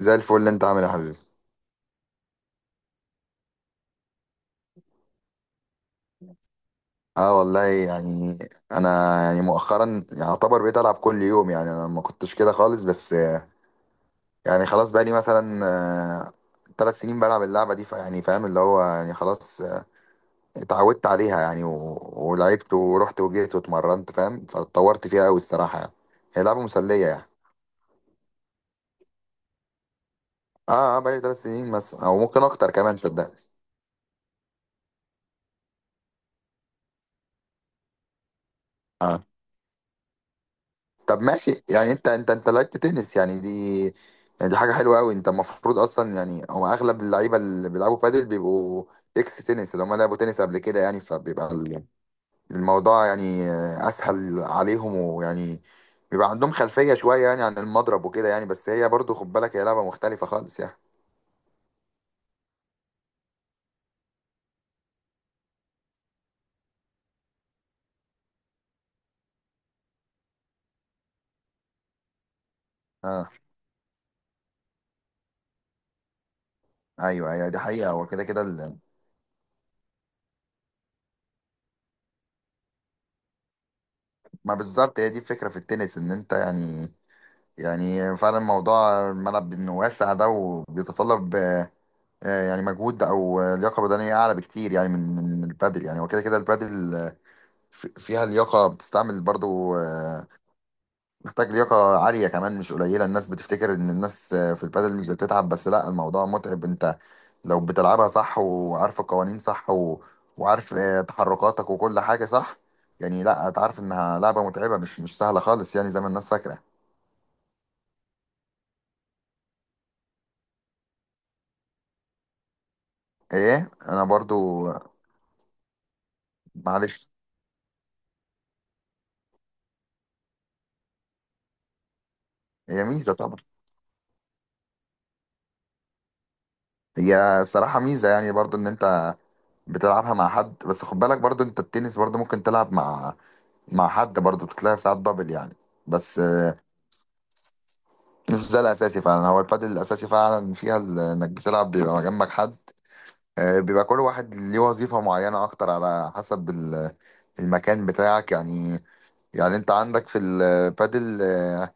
زي الفل، انت عامل ايه يا حبيبي؟ اه والله يعني انا يعني مؤخرا يعتبر بقيت العب كل يوم. يعني انا ما كنتش كده خالص بس يعني خلاص بقى لي مثلا ثلاث سنين بلعب اللعبه دي. فيعني فاهم اللي هو يعني خلاص، اتعودت عليها يعني ولعبت ورحت وجيت واتمرنت، فاهم، فاتطورت فيها قوي الصراحه يعني. هي لعبه مسليه يعني. اه اه، بقى لي ثلاث سنين مثلا او ممكن اكتر كمان صدقني. آه. طب ماشي، يعني انت لعبت تنس يعني، دي يعني دي حاجه حلوه قوي. انت المفروض اصلا يعني هو اغلب اللعيبه اللي بيلعبوا بادل بيبقوا اكس تنس، اللي هم لعبوا تنس قبل كده. يعني فبيبقى الموضوع يعني اسهل عليهم، ويعني بيبقى عندهم خلفيه شويه يعني عن المضرب وكده. يعني بس هي برضو خد بالك، هي لعبه مختلفه خالص يعني. اه ايوه ايوه، دي حقيقه. هو كده كده ما بالظبط هي دي الفكره في التنس، ان انت يعني يعني فعلا موضوع الملعب انه واسع ده، وبيتطلب يعني مجهود، او لياقه بدنيه اعلى بكتير يعني من البادل. يعني وكده كده البادل فيها لياقه بتستعمل برضو، محتاج لياقه عاليه كمان، مش قليله. الناس بتفتكر ان الناس في البادل مش بتتعب، بس لا، الموضوع متعب. انت لو بتلعبها صح، وعارف القوانين صح، وعارف تحركاتك وكل حاجه صح، يعني لا هتعرف انها لعبه متعبه، مش سهله خالص يعني زي ما الناس فاكره. ايه انا برضو؟ معلش. هي ميزه طبعا. هي صراحه ميزه يعني برضو ان انت بتلعبها مع حد. بس خد بالك برضو، انت التنس برضو ممكن تلعب مع حد برضو، بتتلعب ساعات دبل يعني، بس مش ده الاساسي فعلا. هو البادل الاساسي فعلا فيها انك بتلعب بيبقى جنبك حد بيبقى كل واحد ليه وظيفه معينه اكتر على حسب المكان بتاعك يعني. يعني انت عندك في البادل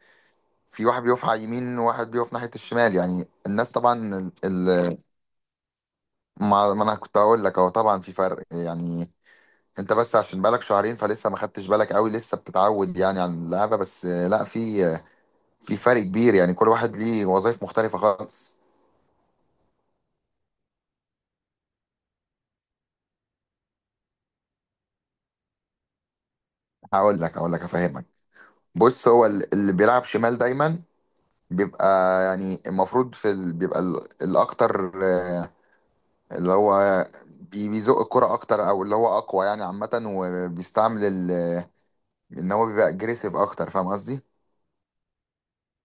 في واحد بيقف على اليمين، وواحد بيقف ناحيه الشمال. يعني الناس طبعا، ما انا كنت هقول لك، هو طبعا في فرق يعني. انت بس عشان بقالك شهرين فلسه ما خدتش بالك قوي، لسه بتتعود يعني على اللعبه، بس لا في في فرق كبير يعني، كل واحد ليه وظائف مختلفه خالص. هقول لك افهمك. بص، هو اللي بيلعب شمال دايما بيبقى يعني المفروض في بيبقى الاكتر اللي هو بيزق الكرة اكتر، او اللي هو اقوى يعني عامه، وبيستعمل ان هو بيبقى اجريسيف اكتر، فاهم قصدي.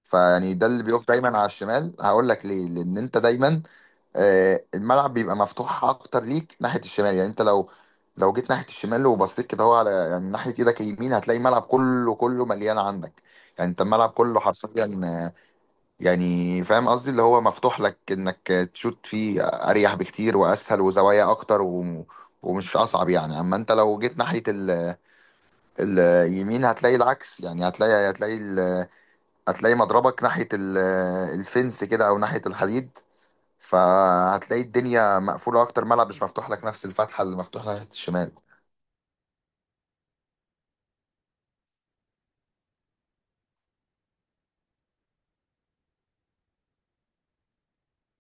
فيعني ده اللي بيقف دايما على الشمال. هقول لك ليه، لان انت دايما الملعب بيبقى مفتوح اكتر ليك ناحيه الشمال. يعني انت لو جيت ناحيه الشمال وبصيت كده، هو على يعني ناحيه ايدك اليمين، هتلاقي الملعب كله كله مليان عندك. يعني انت الملعب كله حرفيا يعني، فاهم قصدي، اللي هو مفتوح لك انك تشوت فيه اريح بكتير واسهل، وزوايا اكتر، و ومش اصعب يعني. اما انت لو جيت ناحيه اليمين، هتلاقي العكس. يعني هتلاقي مضربك ناحية الفنس كده، أو ناحية الحديد. فهتلاقي الدنيا مقفولة أكتر، ملعب مش مفتوح لك نفس الفتحة اللي مفتوحة ناحية الشمال.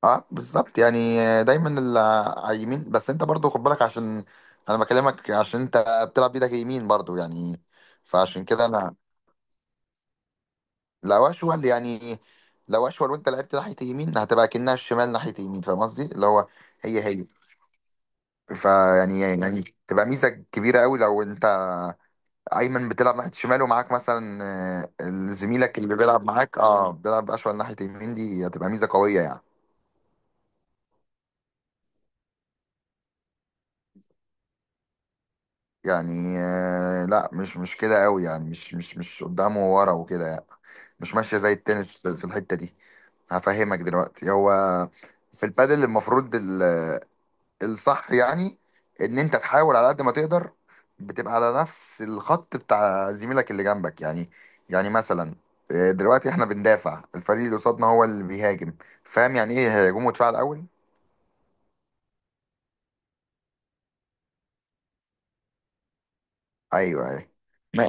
اه بالظبط يعني، دايما اللي على اليمين. بس انت برضو خد بالك، عشان انا بكلمك عشان انت بتلعب بايدك يمين برضو يعني. فعشان كده، انا لو اشول يعني، لو اشول وانت لعبت ناحية يمين، هتبقى كأنها الشمال ناحية يمين، فاهم قصدي، اللي هو هي هي. فيعني تبقى ميزة كبيرة قوي لو انت ايمن بتلعب ناحيه شمال، ومعاك مثلا آه، زميلك اللي بيلعب معاك، اه، بيلعب اشول ناحيه يمين، دي هتبقى ميزه قويه يعني. يعني آه، لا، مش كده قوي. يعني مش قدامه وورا وكده يعني. مش ماشيه زي التنس في الحته دي. هفهمك دلوقتي، هو في البادل المفروض الصح يعني ان انت تحاول على قد ما تقدر، بتبقى على نفس الخط بتاع زميلك اللي جنبك. يعني يعني مثلا دلوقتي احنا بندافع، الفريق اللي قصادنا هو اللي بيهاجم. فاهم يعني ايه هجوم ودفاع الاول؟ ايوه ايوه ما-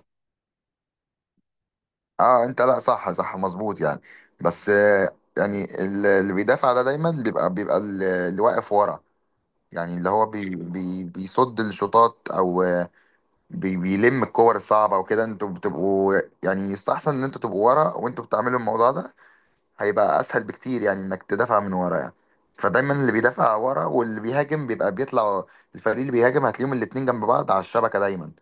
اه انت، لا صح، صح مظبوط يعني. بس يعني اللي بيدافع ده دايما بيبقى اللي واقف ورا، يعني اللي هو بي بي بيصد الشوطات، او بيلم الكور الصعبة وكده. انتوا بتبقوا يعني يستحسن ان انتوا تبقوا ورا وانتوا بتعملوا الموضوع ده. هيبقى اسهل بكتير يعني انك تدافع من ورا يعني. فدايما اللي بيدافع ورا، واللي بيهاجم بيبقى بيطلع، الفريق اللي بيهاجم هتلاقيهم الاتنين جنب بعض على الشبكة دايما.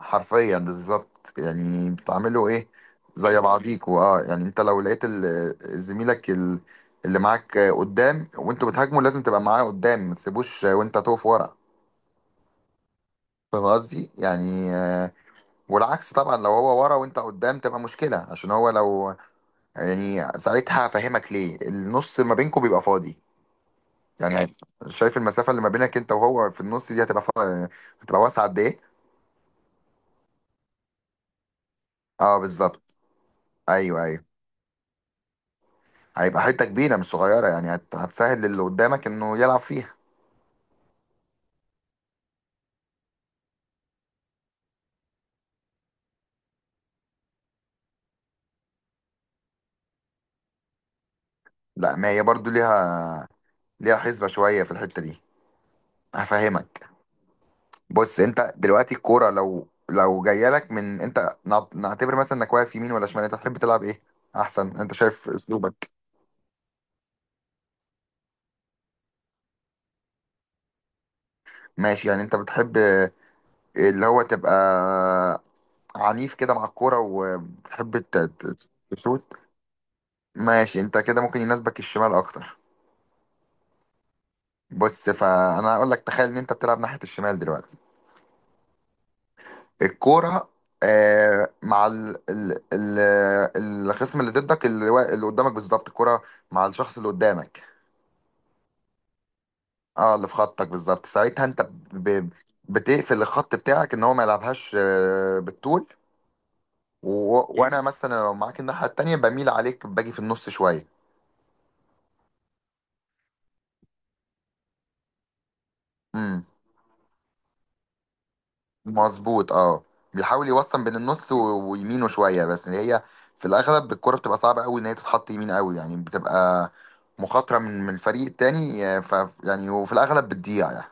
حرفيا بالظبط، يعني بتعملوا ايه زي بعضيكوا. اه، يعني انت لو لقيت زميلك اللي معاك قدام وانتوا بتهاجموا، لازم تبقى معاه قدام، ما تسيبوش وانت تقف ورا. فاهم قصدي يعني والعكس طبعا، لو هو ورا وانت قدام تبقى مشكلة، عشان هو لو يعني ساعتها هفهمك ليه النص ما بينكم بيبقى فاضي يعني. شايف المسافة اللي ما بينك انت وهو في النص دي، هتبقى هتبقى واسعة قد ايه؟ اه بالظبط. ايوه ايوه، هيبقى حتة كبيرة مش صغيرة، يعني هتسهل للي قدامك انه يلعب فيها. لا، ما هي برضو ليها حسبة شوية في الحتة دي. هفهمك. بص، انت دلوقتي الكوره لو جايه لك من، انت نعتبر مثلا انك واقف يمين ولا شمال، انت تحب تلعب ايه، احسن، انت شايف اسلوبك؟ ماشي، يعني انت بتحب اللي هو تبقى عنيف كده مع الكوره وبتحب تشوت. ماشي، انت كده ممكن يناسبك الشمال اكتر. بص، فانا هقول لك، تخيل ان انت بتلعب ناحيه الشمال دلوقتي. الكوره اه، مع ال ال ال الخصم اللي ضدك، اللي اللي قدامك بالظبط، الكوره مع الشخص اللي قدامك. اه، اللي في خطك بالظبط، ساعتها انت بتقفل الخط بتاعك ان هو ما يلعبهاش بالطول، وانا مثلا لو معاك الناحيه التانيه بميل عليك، باجي في النص شويه. امم مظبوط اه. بيحاول يوصل بين النص ويمينه شويه، بس اللي هي في الاغلب الكره بتبقى صعبه قوي ان هي تتحط يمين قوي، يعني بتبقى مخاطره من الفريق التاني آه، ف يعني وفي الاغلب بتضيع يعني.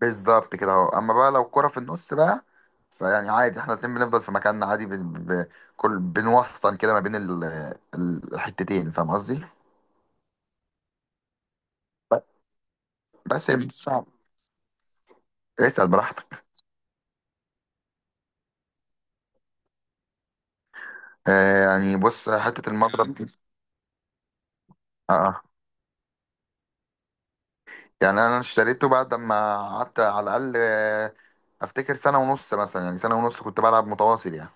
بالظبط كده اهو. اما بقى لو كرة في النص بقى، فيعني عادي احنا الاتنين بنفضل في مكاننا عادي، ب... كل بنوسطن كده ما بين الحتتين، فاهم قصدي. ب- بس هي مش صعب. اسأل براحتك. آه يعني، بص، حتة المضرب دي، اه آه. يعني انا اشتريته بعد ما قعدت على الاقل افتكر سنة ونص مثلا، يعني سنة ونص كنت بلعب متواصل يعني.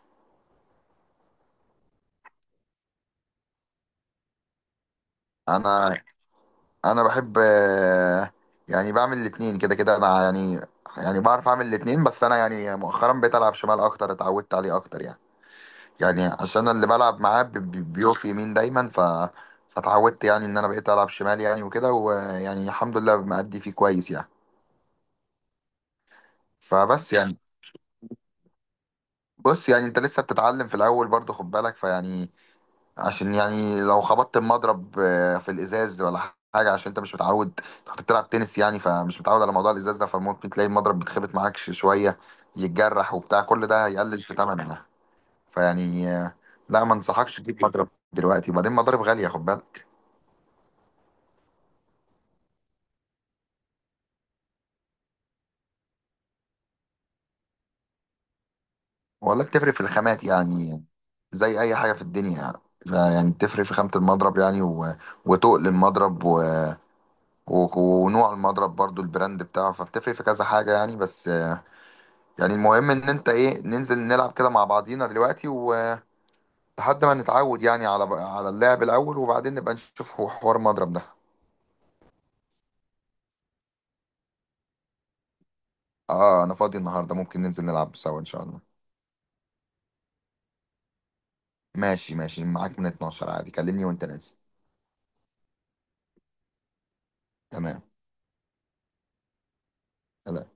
انا انا بحب يعني بعمل الاتنين كده كده انا يعني. يعني بعرف اعمل الاتنين، بس انا يعني مؤخرا بقيت العب شمال اكتر، اتعودت عليه اكتر يعني. يعني عشان اللي بلعب معاه بيقف يمين دايما، فاتعودت يعني ان انا بقيت العب شمال، يعني وكده، ويعني الحمد لله مأدي فيه كويس يعني. فبس يعني، بص، يعني انت لسه بتتعلم في الاول برضه، خد بالك فيعني، عشان يعني لو خبطت المضرب في الازاز ولا حاجه، عشان انت مش متعود. انت كنت بتلعب تنس يعني، فمش متعود على موضوع الازاز ده، فممكن تلاقي المضرب بيتخبط معاك شويه، يتجرح وبتاع، كل ده هيقلل في ثمنها. فيعني لا ما انصحكش تجيب مضرب دلوقتي. وبعدين مضارب غاليه خد بالك. ولا بتفرق في الخامات، يعني زي اي حاجه في الدنيا يعني. فيعني بتفرق في خامه المضرب، يعني وتقل المضرب، و... ونوع المضرب برضو، البراند بتاعه، فبتفرق في كذا حاجه يعني. بس يعني المهم ان انت ايه، ننزل نلعب كده مع بعضينا دلوقتي، ولحد ما نتعود يعني على اللعب الاول، وبعدين نبقى نشوف هو حوار مضرب ده. اه انا فاضي النهارده، ممكن ننزل نلعب سوا ان شاء الله. ماشي ماشي، معاك من 12 عادي، كلمني وانت نازل. تمام. سلام.